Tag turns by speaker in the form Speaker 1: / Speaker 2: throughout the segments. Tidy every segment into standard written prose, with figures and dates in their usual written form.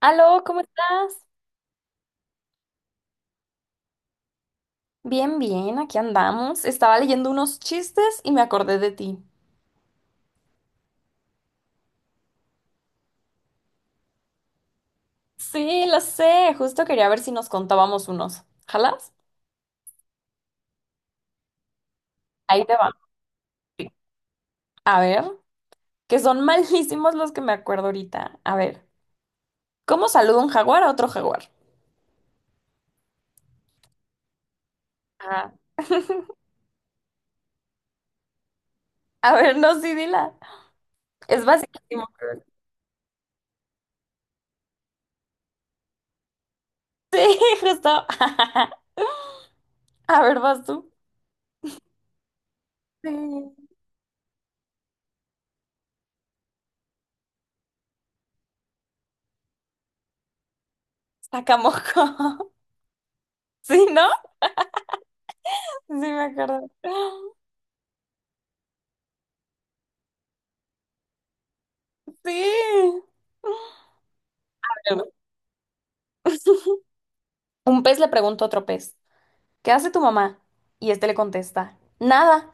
Speaker 1: Aló, ¿cómo estás? Bien, bien, aquí andamos. Estaba leyendo unos chistes y me acordé de ti. Sí, lo sé, justo quería ver si nos contábamos unos. ¿Jalas? Ahí te va. Sí. A ver, que son malísimos los que me acuerdo ahorita. A ver, ¿cómo saluda un jaguar a otro jaguar? Ah. A ver, no, sí, dila. Es basiquísimo. Sí, justo. A ver, vas tú. Sí. Sacamoco. Sí, ¿no? Sí, me acuerdo. Sí. Claro. Un pez le pregunta a otro pez, ¿qué hace tu mamá? Y este le contesta, nada.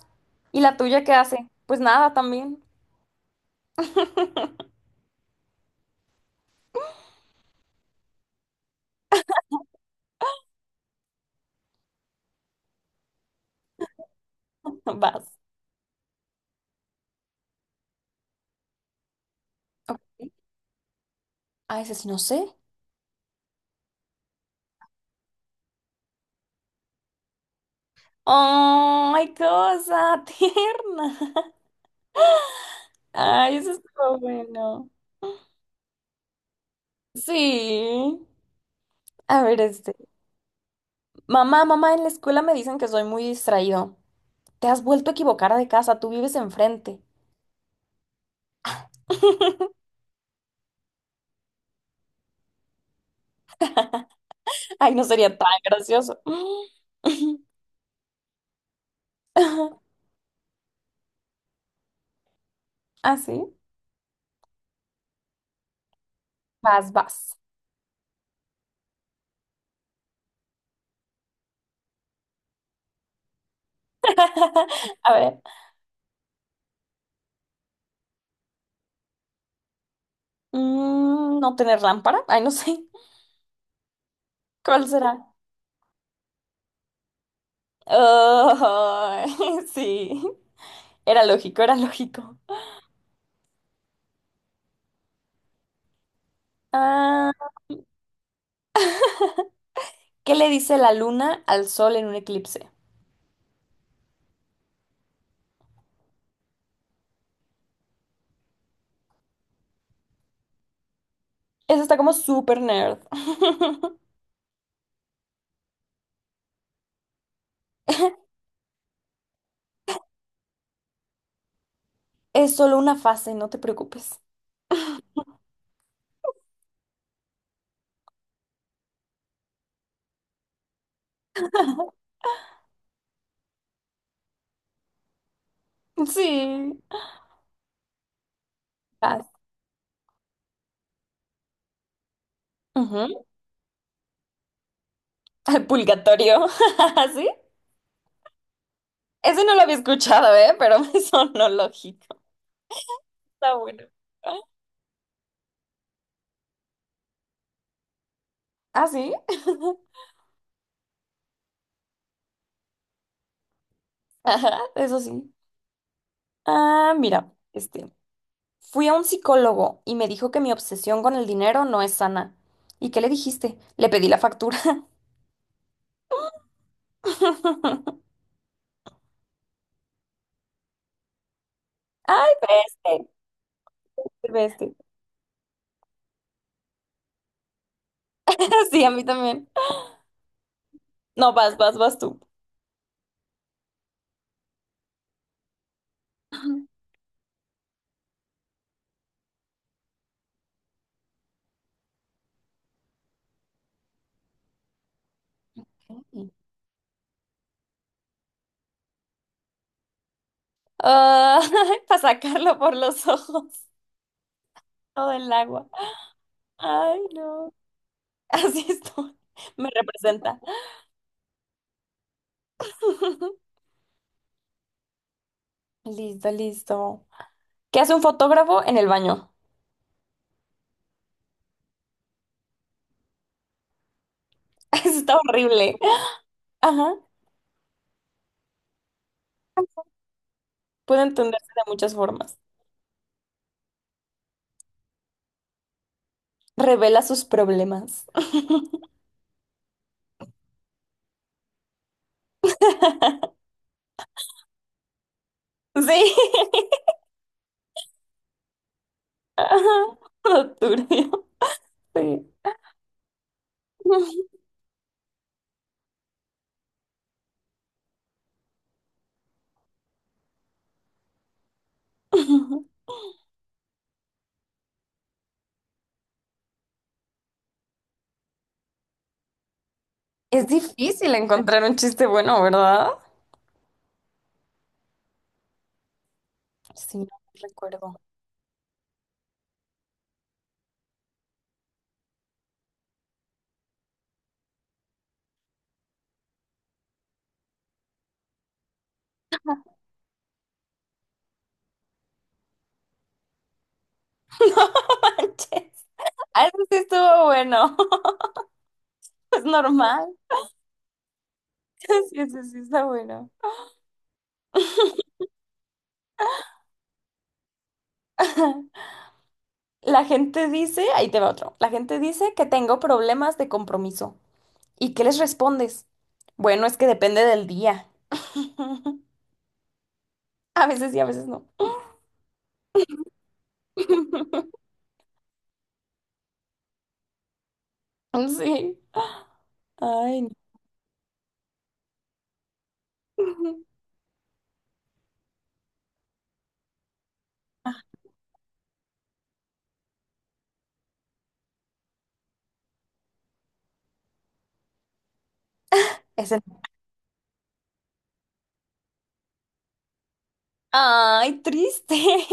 Speaker 1: ¿Y la tuya qué hace? Pues nada también. Vas. Ay, ese sí no sé. ¡Ay, cosa tierna! Ay, eso estuvo bueno. Sí. A ver, este. Mamá, mamá, en la escuela me dicen que soy muy distraído. Te has vuelto a equivocar de casa, tú vives enfrente. Ay, no sería tan gracioso. ¿Ah sí? Vas, vas. A ver, mm, no tener lámpara. Ay, no sé. ¿Cuál será? Oh, sí. Era lógico, era lógico. Ah, ¿qué le dice la luna al sol en un eclipse? Eso está como súper nerd. Es solo una fase, no te preocupes. Sí. Ah, ujú. Al purgatorio. ¿Sí? Ese no lo había escuchado, ¿eh? Pero me sonó lógico. Está bueno. ¿Ah, sí? Ajá, eso sí. Ah, mira, este, fui a un psicólogo y me dijo que mi obsesión con el dinero no es sana. ¿Y qué le dijiste? Le pedí la factura. Ay, veste, veste. Sí, a mí también. No, vas, vas, vas tú. Ok. Ah, para sacarlo por los ojos, todo el agua. Ay, no. Así estoy. Me representa. Listo, listo. ¿Qué hace un fotógrafo en el baño? Eso está horrible. Ajá. Puede entenderse de muchas formas. Revela sus problemas. Sí. Ajá. Lo turbio. Sí. Es difícil encontrar un chiste bueno, ¿verdad? Sí, no recuerdo. No manches. Ah, eso sí estuvo bueno. Es normal. Sí, eso sí está bueno. La gente dice, ahí te va otro. La gente dice que tengo problemas de compromiso. ¿Y qué les respondes? Bueno, es que depende del día. A veces sí, a veces no. Sí. Ay, no. Ese no. Ay, triste.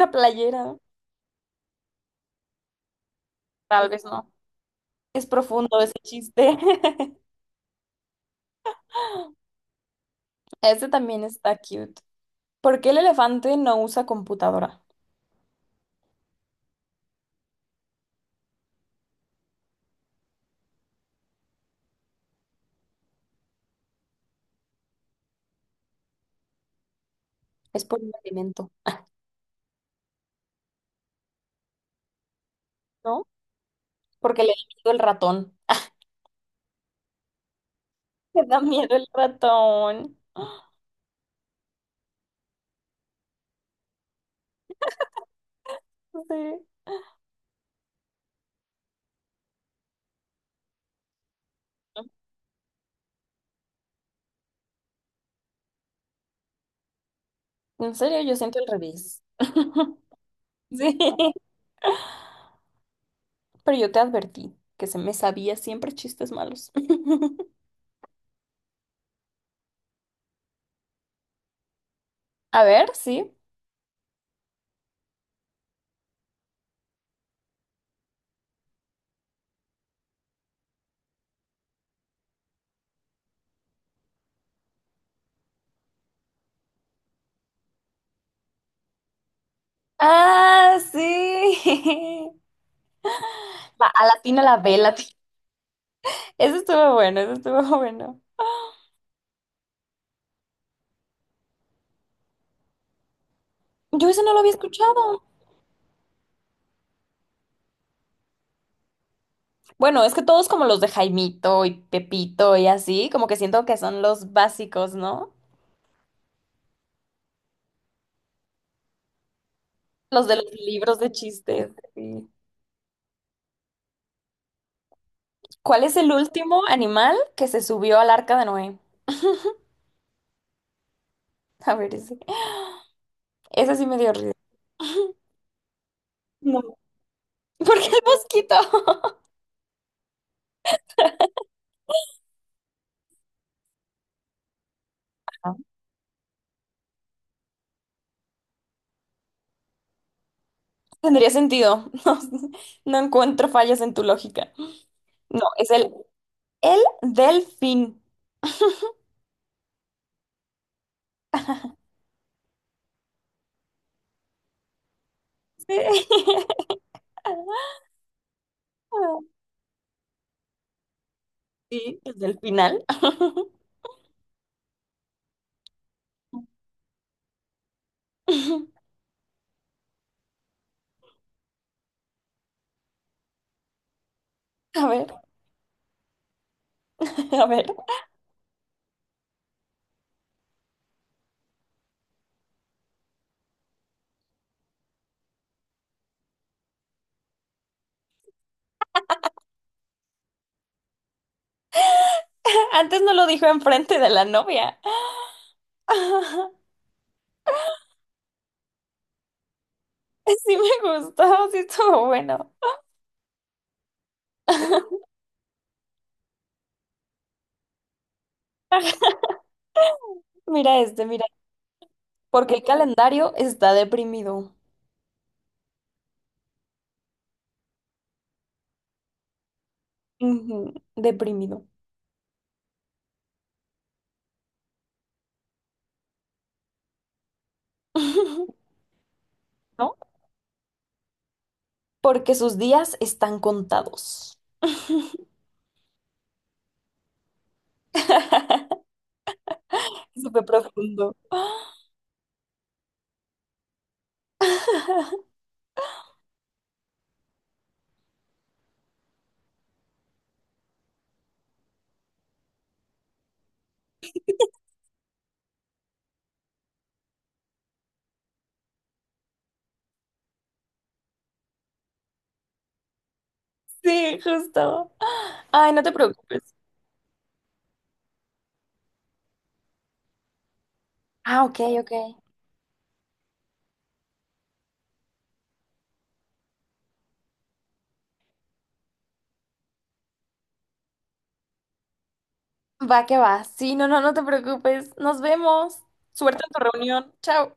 Speaker 1: La playera. Tal vez no. Es profundo ese chiste. Este también está cute. ¿Por qué el elefante no usa computadora? Es por un alimento, ¿no? Porque le da miedo el ratón. Le da miedo el ratón. Sí. En serio, yo siento el revés. Sí. Pero yo te advertí que se me sabía siempre chistes malos. A ver, sí. Ah, sí. Va, a la tina la vela. Eso estuvo bueno, eso estuvo bueno. Yo ese no lo había escuchado. Bueno, es que todos como los de Jaimito y Pepito y así, como que siento que son los básicos, ¿no? Los de los libros de chistes. Sí. ¿Cuál es el último animal que se subió al arca de Noé? A ver, ese. Ese sí me dio risa. No. ¿Por qué el mosquito? Ah. Tendría sentido. No, no encuentro fallas en tu lógica. No, es el delfín. Sí. Sí, desde el final. A ver, a ver. Antes no lo dijo enfrente de la novia. Sí me gustó, sí estuvo bueno. Mira este, mira. Porque el calendario está deprimido. Ujú, deprimido. ¿No? Porque sus días están contados. Súper profundo. Sí, justo. Ay, no te preocupes. Ah, ok, ok. Va que va. Sí, no, no, no te preocupes. Nos vemos. Suerte en tu reunión. Chao.